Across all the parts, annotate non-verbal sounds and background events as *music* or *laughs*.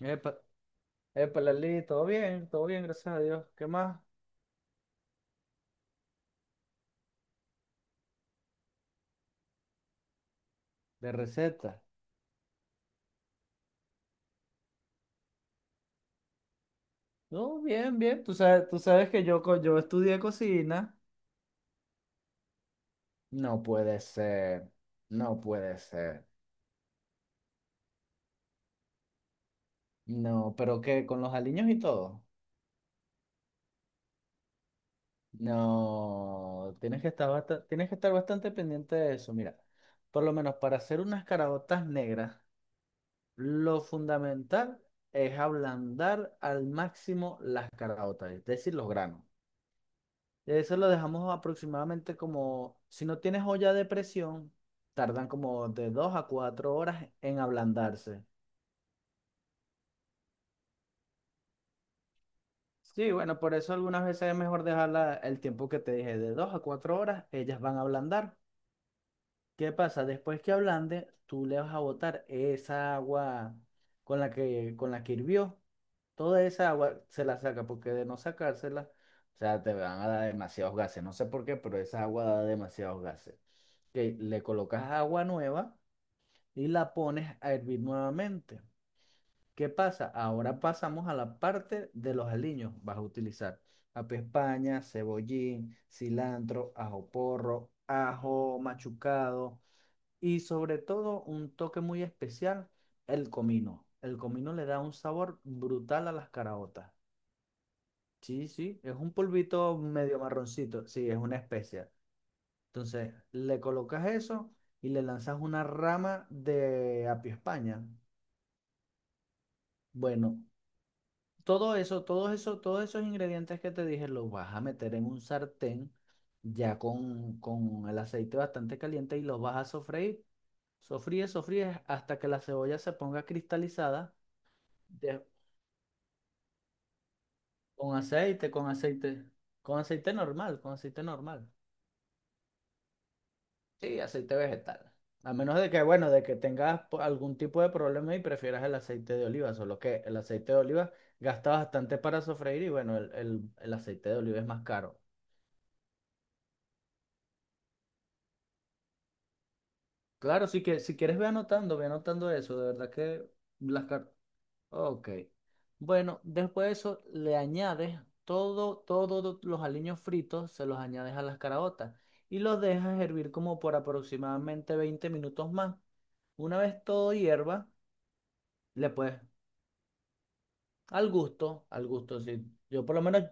Epa, epa, Lali, todo bien, gracias a Dios. ¿Qué más? De receta. No, bien, bien. Tú sabes que yo estudié cocina. No puede ser, no puede ser. No, pero ¿qué? ¿Con los aliños y todo? No, tienes que estar bastante pendiente de eso. Mira, por lo menos para hacer unas caraotas negras, lo fundamental es ablandar al máximo las caraotas, es decir, los granos. Eso lo dejamos aproximadamente como, si no tienes olla de presión, tardan como de 2 a 4 horas en ablandarse. Sí, bueno, por eso algunas veces es mejor dejarla el tiempo que te dije, de 2 a 4 horas, ellas van a ablandar. ¿Qué pasa? Después que ablande, tú le vas a botar esa agua con la que hirvió. Toda esa agua se la saca, porque de no sacársela, o sea, te van a dar demasiados gases. No sé por qué, pero esa agua da demasiados gases. Que le colocas agua nueva y la pones a hervir nuevamente. ¿Qué pasa? Ahora pasamos a la parte de los aliños. Vas a utilizar apio España, cebollín, cilantro, ajo porro, ajo machucado y sobre todo un toque muy especial, el comino. El comino le da un sabor brutal a las caraotas. Sí, sí, es un polvito medio marroncito. Sí, es una especia. Entonces, le colocas eso y le lanzas una rama de apio España. Bueno, todos esos ingredientes que te dije los vas a meter en un sartén ya con el aceite bastante caliente y los vas a sofreír. Sofríes hasta que la cebolla se ponga cristalizada. de- con aceite, con aceite, con aceite normal. Sí, aceite vegetal. A menos de que, bueno, de que tengas algún tipo de problema y prefieras el aceite de oliva, solo que el aceite de oliva gasta bastante para sofreír y bueno, el aceite de oliva es más caro. Claro, si quieres ve anotando eso, de verdad que las cartas... Ok. Bueno, después de eso le añades todos los aliños fritos, se los añades a las caraotas y los dejas hervir como por aproximadamente 20 minutos más. Una vez todo hierva, le puedes, al gusto, sí. Yo por lo menos,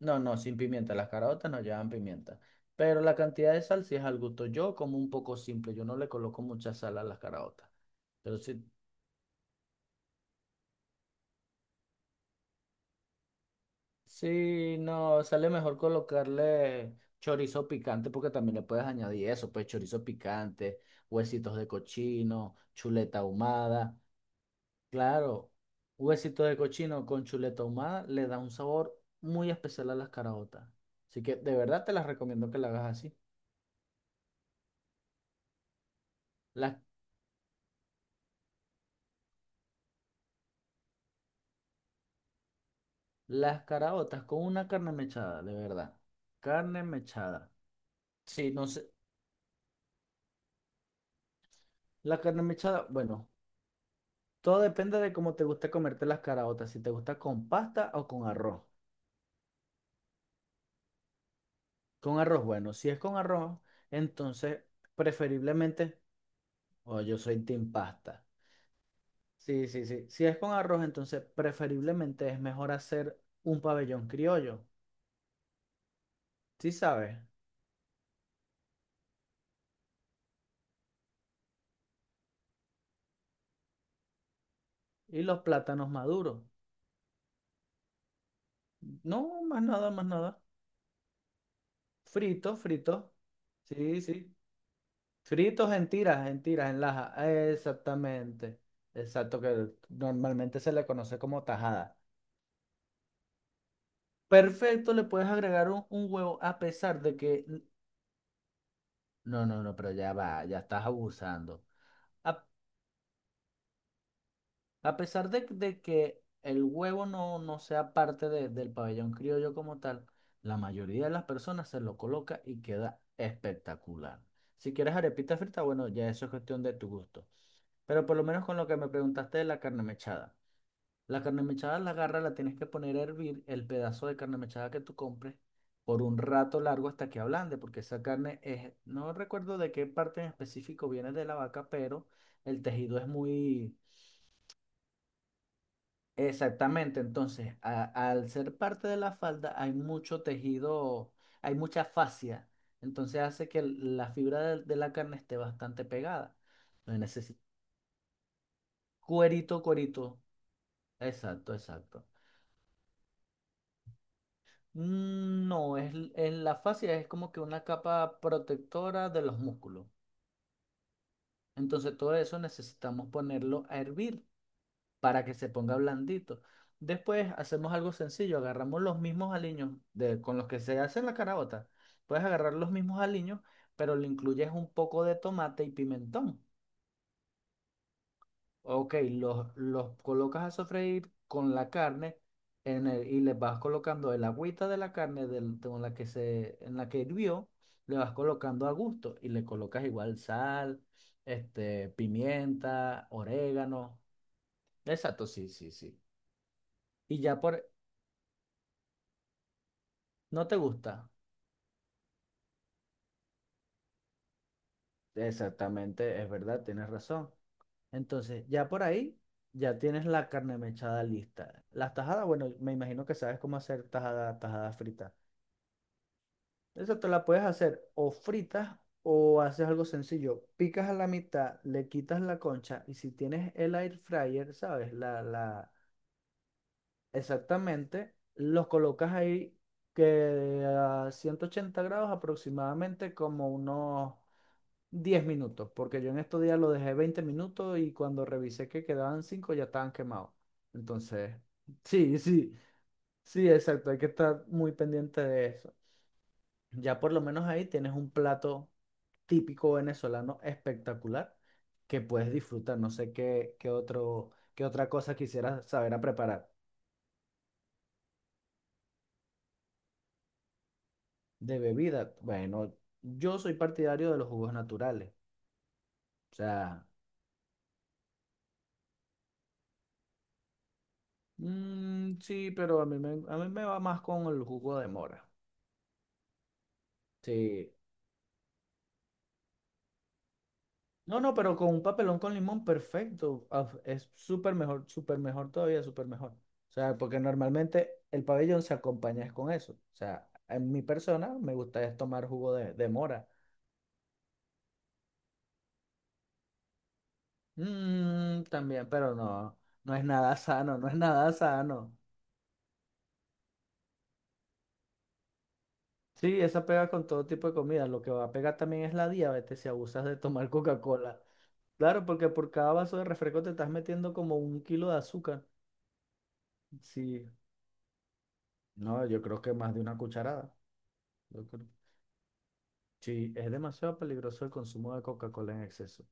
no, no, sin pimienta, las caraotas no llevan pimienta, pero la cantidad de sal sí es al gusto. Yo como un poco simple, yo no le coloco mucha sal a las caraotas. Pero si sí, no, sale mejor colocarle chorizo picante porque también le puedes añadir eso, pues chorizo picante, huesitos de cochino, chuleta ahumada. Claro, huesitos de cochino con chuleta ahumada le da un sabor muy especial a las caraotas. Así que de verdad te las recomiendo que la hagas así. Las, las caraotas con una carne mechada, de verdad. Carne mechada. Sí, no sé. La carne mechada, bueno. Todo depende de cómo te gusta comerte las caraotas, si te gusta con pasta o con arroz. Con arroz, bueno, si es con arroz, entonces preferiblemente, o yo soy team pasta. Sí, sí, sí. Si es con arroz, entonces preferiblemente es mejor hacer un pabellón criollo, ¿sí sabes? Y los plátanos maduros. No, más nada, más nada. Fritos, fritos. Sí, sí. Fritos en tiras, en laja. Exactamente. Exacto, que normalmente se le conoce como tajada. Perfecto, le puedes agregar un huevo a pesar de que... No, no, no, pero ya va, ya estás abusando. A, a pesar de que el huevo no sea parte del pabellón criollo como tal, la mayoría de las personas se lo coloca y queda espectacular. Si quieres arepita frita, bueno, ya eso es cuestión de tu gusto. Pero por lo menos con lo que me preguntaste de la carne mechada. La carne mechada la agarra, la tienes que poner a hervir el pedazo de carne mechada que tú compres por un rato largo hasta que ablande, porque esa carne es, no recuerdo de qué parte en específico viene de la vaca, pero el tejido es muy exactamente. Entonces, al ser parte de la falda hay mucho tejido, hay mucha fascia, entonces hace que la fibra de la carne esté bastante pegada. Entonces necesito cuerito, cuerito. Exacto, exacto. Mm, no, es, en la fascia es como que una capa protectora de los músculos. Entonces todo eso necesitamos ponerlo a hervir para que se ponga blandito. Después hacemos algo sencillo, agarramos los mismos aliños con los que se hace la carabota. Puedes agarrar los mismos aliños, pero le incluyes un poco de tomate y pimentón. Ok, los colocas a sofreír con la carne y les vas colocando el agüita de la carne con la que en la que hirvió, le vas colocando a gusto y le colocas igual sal, este, pimienta, orégano. Exacto, sí, sí, sí. Y ya por... ¿No te gusta? Exactamente, es verdad, tienes razón. Entonces, ya por ahí, ya tienes la carne mechada lista. Las tajadas, bueno, me imagino que sabes cómo hacer tajada, tajada frita. Esa te la puedes hacer o fritas o haces algo sencillo. Picas a la mitad, le quitas la concha y si tienes el air fryer, ¿sabes? Exactamente, los colocas ahí que a 180 grados aproximadamente como unos 10 minutos, porque yo en estos días lo dejé 20 minutos y cuando revisé que quedaban 5 ya estaban quemados. Entonces, sí, sí, sí, exacto, hay que estar muy pendiente de eso. Ya por lo menos ahí tienes un plato típico venezolano espectacular que puedes disfrutar. No sé qué otra cosa quisieras saber a preparar. De bebida, bueno, yo soy partidario de los jugos naturales. O sea, mm, sí, pero a mí me va más con el jugo de mora. Sí, no, no, pero con un papelón con limón, perfecto. Ah, es súper mejor todavía, súper mejor. O sea, porque normalmente el pabellón se acompaña es con eso. O sea, en mi persona me gusta es tomar jugo de mora. Mm, también, pero no, no es nada sano, no es nada sano. Sí, esa pega con todo tipo de comida. Lo que va a pegar también es la diabetes si abusas de tomar *laughs* Coca-Cola. Claro, porque por cada vaso de refresco te estás metiendo como un kilo de azúcar. Sí, no, yo creo que más de una cucharada. Sí, es demasiado peligroso el consumo de Coca-Cola en exceso.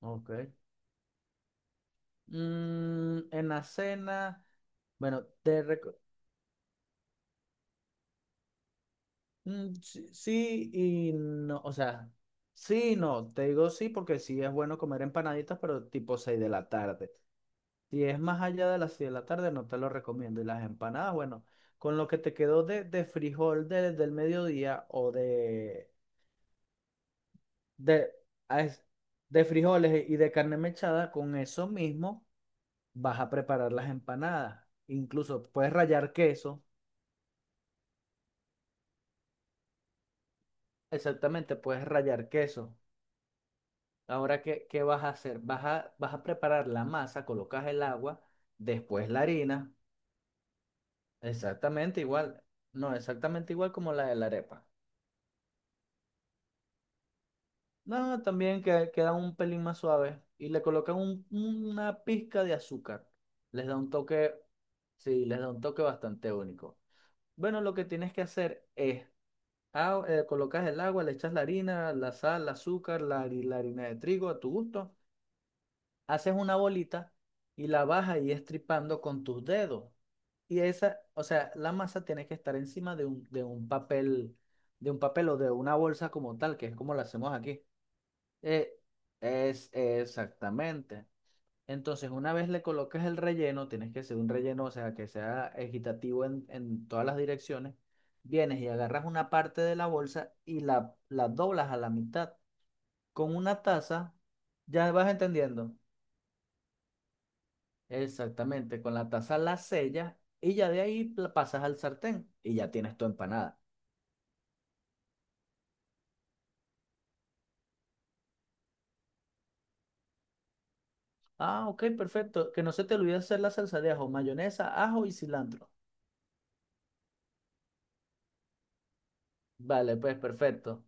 Ok. Mm, en la cena, bueno, mm, sí, sí y no, o sea, sí y no, te digo sí porque sí es bueno comer empanaditas, pero tipo 6 de la tarde. Si es más allá de las 6 de la tarde, no te lo recomiendo. Y las empanadas, bueno, con lo que te quedó de frijol del mediodía o de, a es- de frijoles y de carne mechada, con eso mismo. Vas a preparar las empanadas. Incluso puedes rallar queso. Exactamente, puedes rallar queso. Ahora, ¿qué vas a hacer? Vas a preparar la masa, colocas el agua, después la harina. Exactamente igual. No, exactamente igual como la de la arepa. No, también que, queda un pelín más suave. Y le colocan una pizca de azúcar. Les da un toque, sí, les da un toque bastante único. Bueno, lo que tienes que hacer es ah, colocas el agua, le echas la harina, la sal, el azúcar, la, la harina de trigo a tu gusto. Haces una bolita y la vas ahí estripando con tus dedos. Y esa, o sea, la masa tiene que estar encima de un papel o de una bolsa como tal, que es como la hacemos aquí. Eh, es exactamente. Entonces, una vez le colocas el relleno, tienes que hacer un relleno, o sea, que sea equitativo en todas las direcciones. Vienes y agarras una parte de la bolsa y la doblas a la mitad. Con una taza, ya vas entendiendo. Exactamente, con la taza la sellas y ya de ahí la pasas al sartén y ya tienes tu empanada. Ah, ok, perfecto. Que no se te olvide hacer la salsa de ajo, mayonesa, ajo y cilantro. Vale, pues perfecto.